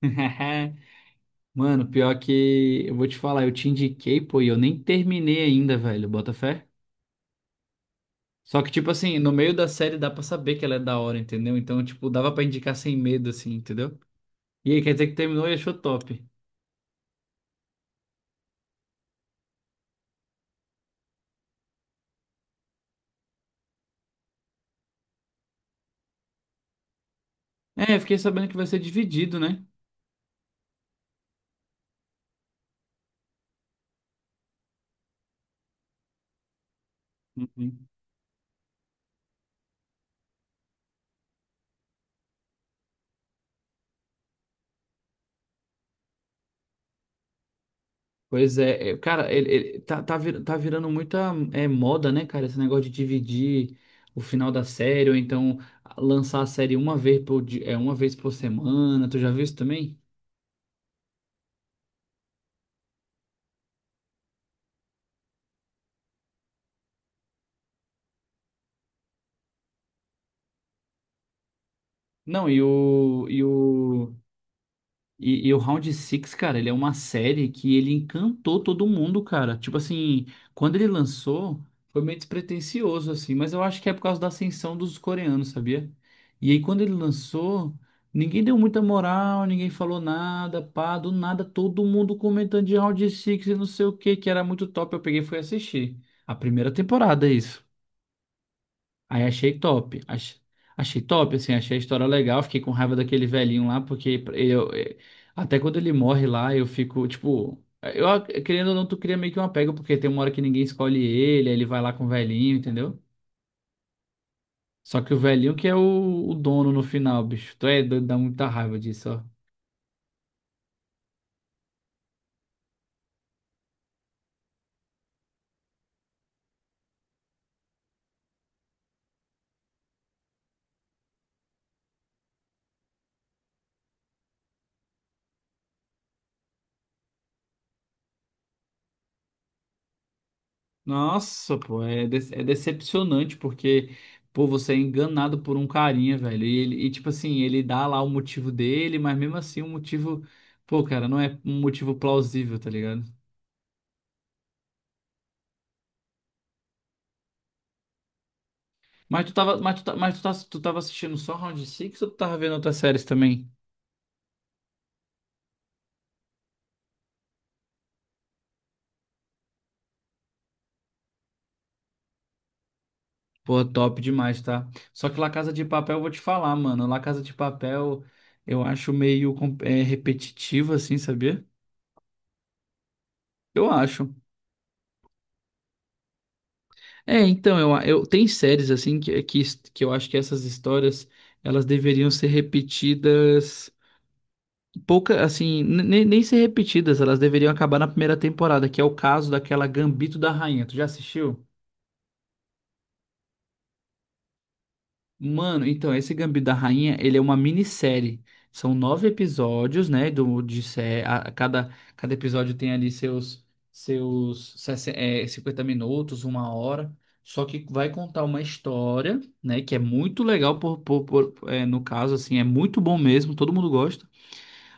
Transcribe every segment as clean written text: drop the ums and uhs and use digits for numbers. Mano, pior que eu vou te falar, eu te indiquei, pô, e eu nem terminei ainda, velho, bota fé. Só que, tipo assim, no meio da série dá pra saber que ela é da hora, entendeu? Então, tipo, dava pra indicar sem medo, assim, entendeu? E aí, quer dizer que terminou e achou top. É, eu fiquei sabendo que vai ser dividido, né? Uhum. Pois é, cara, tá virando muita moda, né, cara? Esse negócio de dividir o final da série, ou então lançar a série uma vez por semana, tu já viu isso também? Não, e o Round Six, cara, ele é uma série que ele encantou todo mundo, cara. Tipo assim, quando ele lançou, foi meio despretensioso, assim, mas eu acho que é por causa da ascensão dos coreanos, sabia? E aí, quando ele lançou, ninguém deu muita moral, ninguém falou nada, pá, do nada, todo mundo comentando de Round Six e não sei o que, que era muito top. Eu peguei e fui assistir. A primeira temporada, é isso. Aí achei top. Achei top, assim, achei a história legal. Fiquei com raiva daquele velhinho lá, porque até quando ele morre lá, eu fico, tipo, querendo ou não, tu cria meio que um apego, porque tem uma hora que ninguém escolhe ele, aí ele vai lá com o velhinho, entendeu? Só que o velhinho que é o dono no final, bicho. Tu é doido, dá muita raiva disso, ó. Nossa, pô, é decepcionante porque, pô, você é enganado por um carinha, velho. E, tipo assim, ele dá lá o motivo dele, mas mesmo assim o motivo, pô, cara, não é um motivo plausível, tá ligado? Tu tava assistindo só Round Six ou tu tava vendo outras séries também? Pô, top demais, tá? Só que La Casa de Papel, eu vou te falar, mano. La Casa de Papel eu acho meio repetitivo, assim, sabia? Eu acho. É, então, eu tem séries assim que, que eu acho que essas histórias elas deveriam ser repetidas pouca assim, nem ser repetidas, elas deveriam acabar na primeira temporada, que é o caso daquela Gambito da Rainha. Tu já assistiu? Mano, então, esse Gambito da Rainha, ele é uma minissérie. São nove episódios, né? Cada episódio tem ali seus 50 minutos, uma hora. Só que vai contar uma história, né? Que é muito legal, no caso, assim, é muito bom mesmo, todo mundo gosta.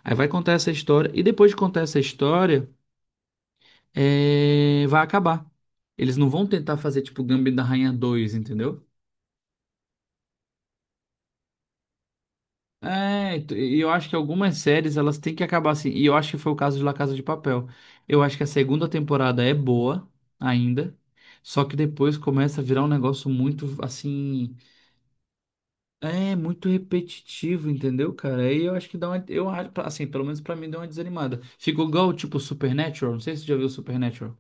Aí vai contar essa história, e depois de contar essa história, vai acabar. Eles não vão tentar fazer, tipo, Gambito da Rainha 2, entendeu? É, e eu acho que algumas séries elas têm que acabar assim. E eu acho que foi o caso de La Casa de Papel. Eu acho que a segunda temporada é boa ainda, só que depois começa a virar um negócio muito assim, é muito repetitivo, entendeu, cara? Aí eu acho que eu acho assim, pelo menos pra mim deu uma desanimada. Ficou igual tipo Supernatural, não sei se você já viu Supernatural.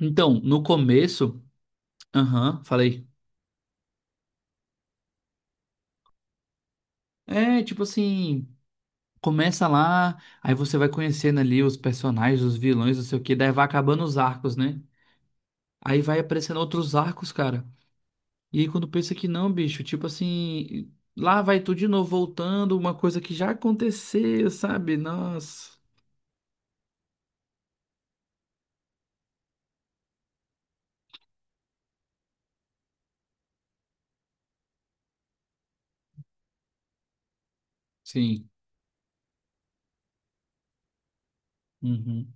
Então, no começo, aham, falei. É, tipo assim, começa lá, aí você vai conhecendo ali os personagens, os vilões, não sei o que, daí vai acabando os arcos, né? Aí vai aparecendo outros arcos, cara. E aí quando pensa que não, bicho, tipo assim, lá vai tu de novo voltando, uma coisa que já aconteceu, sabe? Nossa. Sim. Uhum.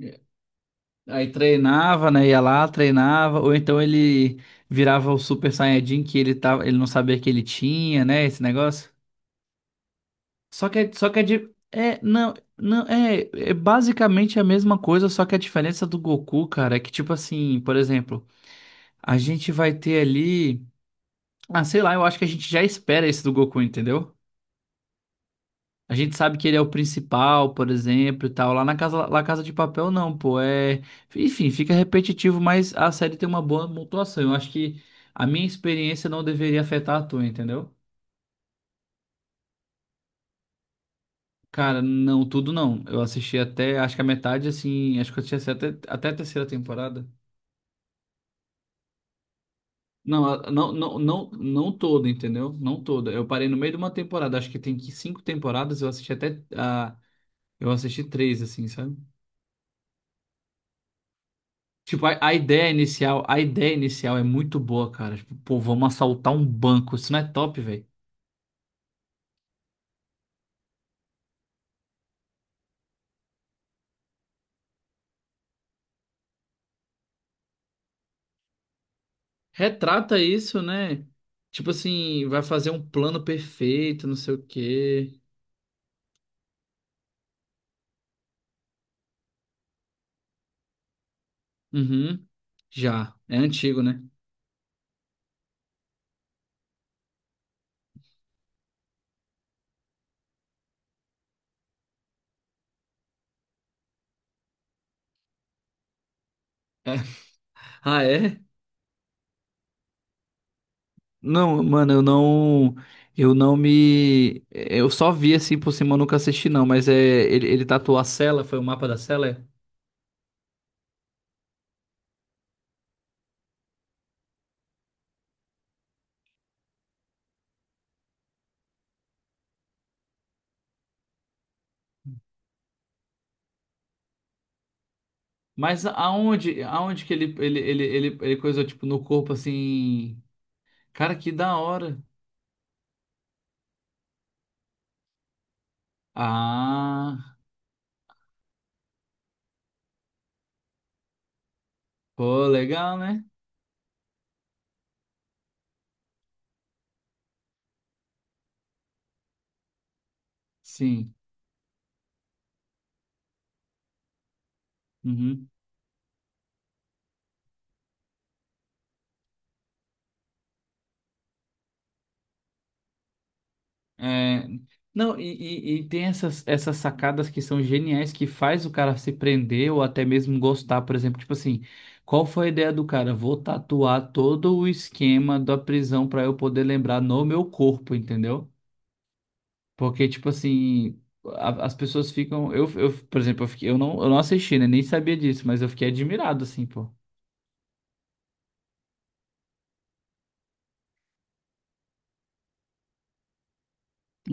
É. Aí treinava, né? Ia lá, treinava, ou então ele virava o Super Saiyajin que ele tava, ele não sabia que ele tinha, né? Esse negócio. Só que é de. É, não, não, é basicamente a mesma coisa, só que a diferença do Goku, cara, é que, tipo assim, por exemplo, a gente vai ter ali. Ah, sei lá, eu acho que a gente já espera esse do Goku, entendeu? A gente sabe que ele é o principal, por exemplo, e tal. Lá na casa, lá Casa de Papel, não, pô. É. Enfim, fica repetitivo, mas a série tem uma boa pontuação. Eu acho que a minha experiência não deveria afetar a tua, entendeu? Cara, não, tudo não. Eu assisti até, acho que a metade, assim, acho que eu assisti até a terceira temporada. Não, não, não, não, não toda, entendeu? Não toda. Eu parei no meio de uma temporada, acho que cinco temporadas, eu assisti eu assisti três, assim, sabe? Tipo, a ideia inicial é muito boa, cara. Tipo, pô, vamos assaltar um banco, isso não é top, velho. Retrata isso, né? Tipo assim, vai fazer um plano perfeito, não sei o quê. Uhum. Já. É antigo, né? Ah, é? Não, mano, eu não. Eu não me. Eu só vi assim por cima, eu nunca assisti, não. Mas é. Ele tatuou a cela, foi o mapa da cela? É? Mas aonde que ele coisou, tipo, no corpo assim. Cara, que da hora. Ah, pô, legal, né? Sim. É, não, e tem essas sacadas que são geniais que faz o cara se prender ou até mesmo gostar, por exemplo, tipo assim, qual foi a ideia do cara? Vou tatuar todo o esquema da prisão para eu poder lembrar no meu corpo, entendeu? Porque, tipo assim, as pessoas ficam. Eu, por exemplo, eu não assisti, né? Nem sabia disso, mas eu fiquei admirado, assim, pô.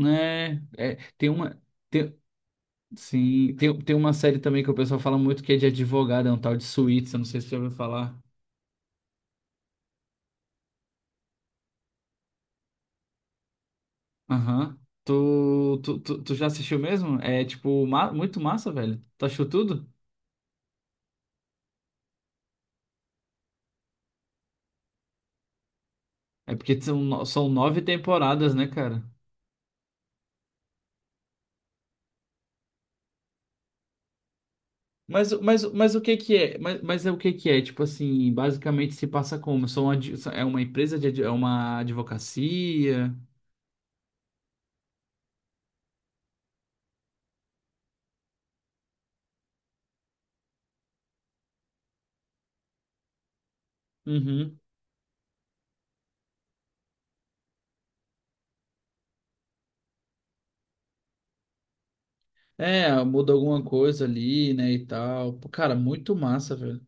É, tem uma. tem- Sim, tem uma série também que o pessoal fala muito que é de advogado, é um tal de Suits, eu não sei se você já ouviu falar. Aham. Tu já assistiu mesmo? É, tipo, muito massa, velho. Tu achou tudo? É porque são, no- são nove temporadas, né, cara? Mas o que que é? Mas é o que que é? Tipo assim, basicamente se passa como? É uma empresa de, é uma advocacia? Uhum. É, muda alguma coisa ali, né, e tal. Pô, cara, muito massa, velho.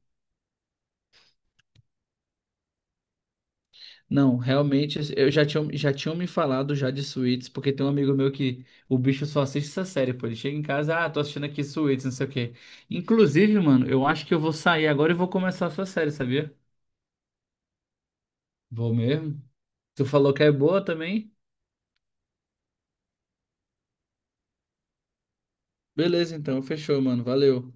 Não, realmente, eu já tinha, já tinham me falado já de Suits, porque tem um amigo meu que o bicho só assiste essa série, pô. Ele chega em casa, ah, tô assistindo aqui Suits, não sei o quê. Inclusive, mano, eu acho que eu vou sair agora e vou começar essa série, sabia? Vou mesmo. Tu falou que é boa também? Beleza, então, fechou, mano. Valeu.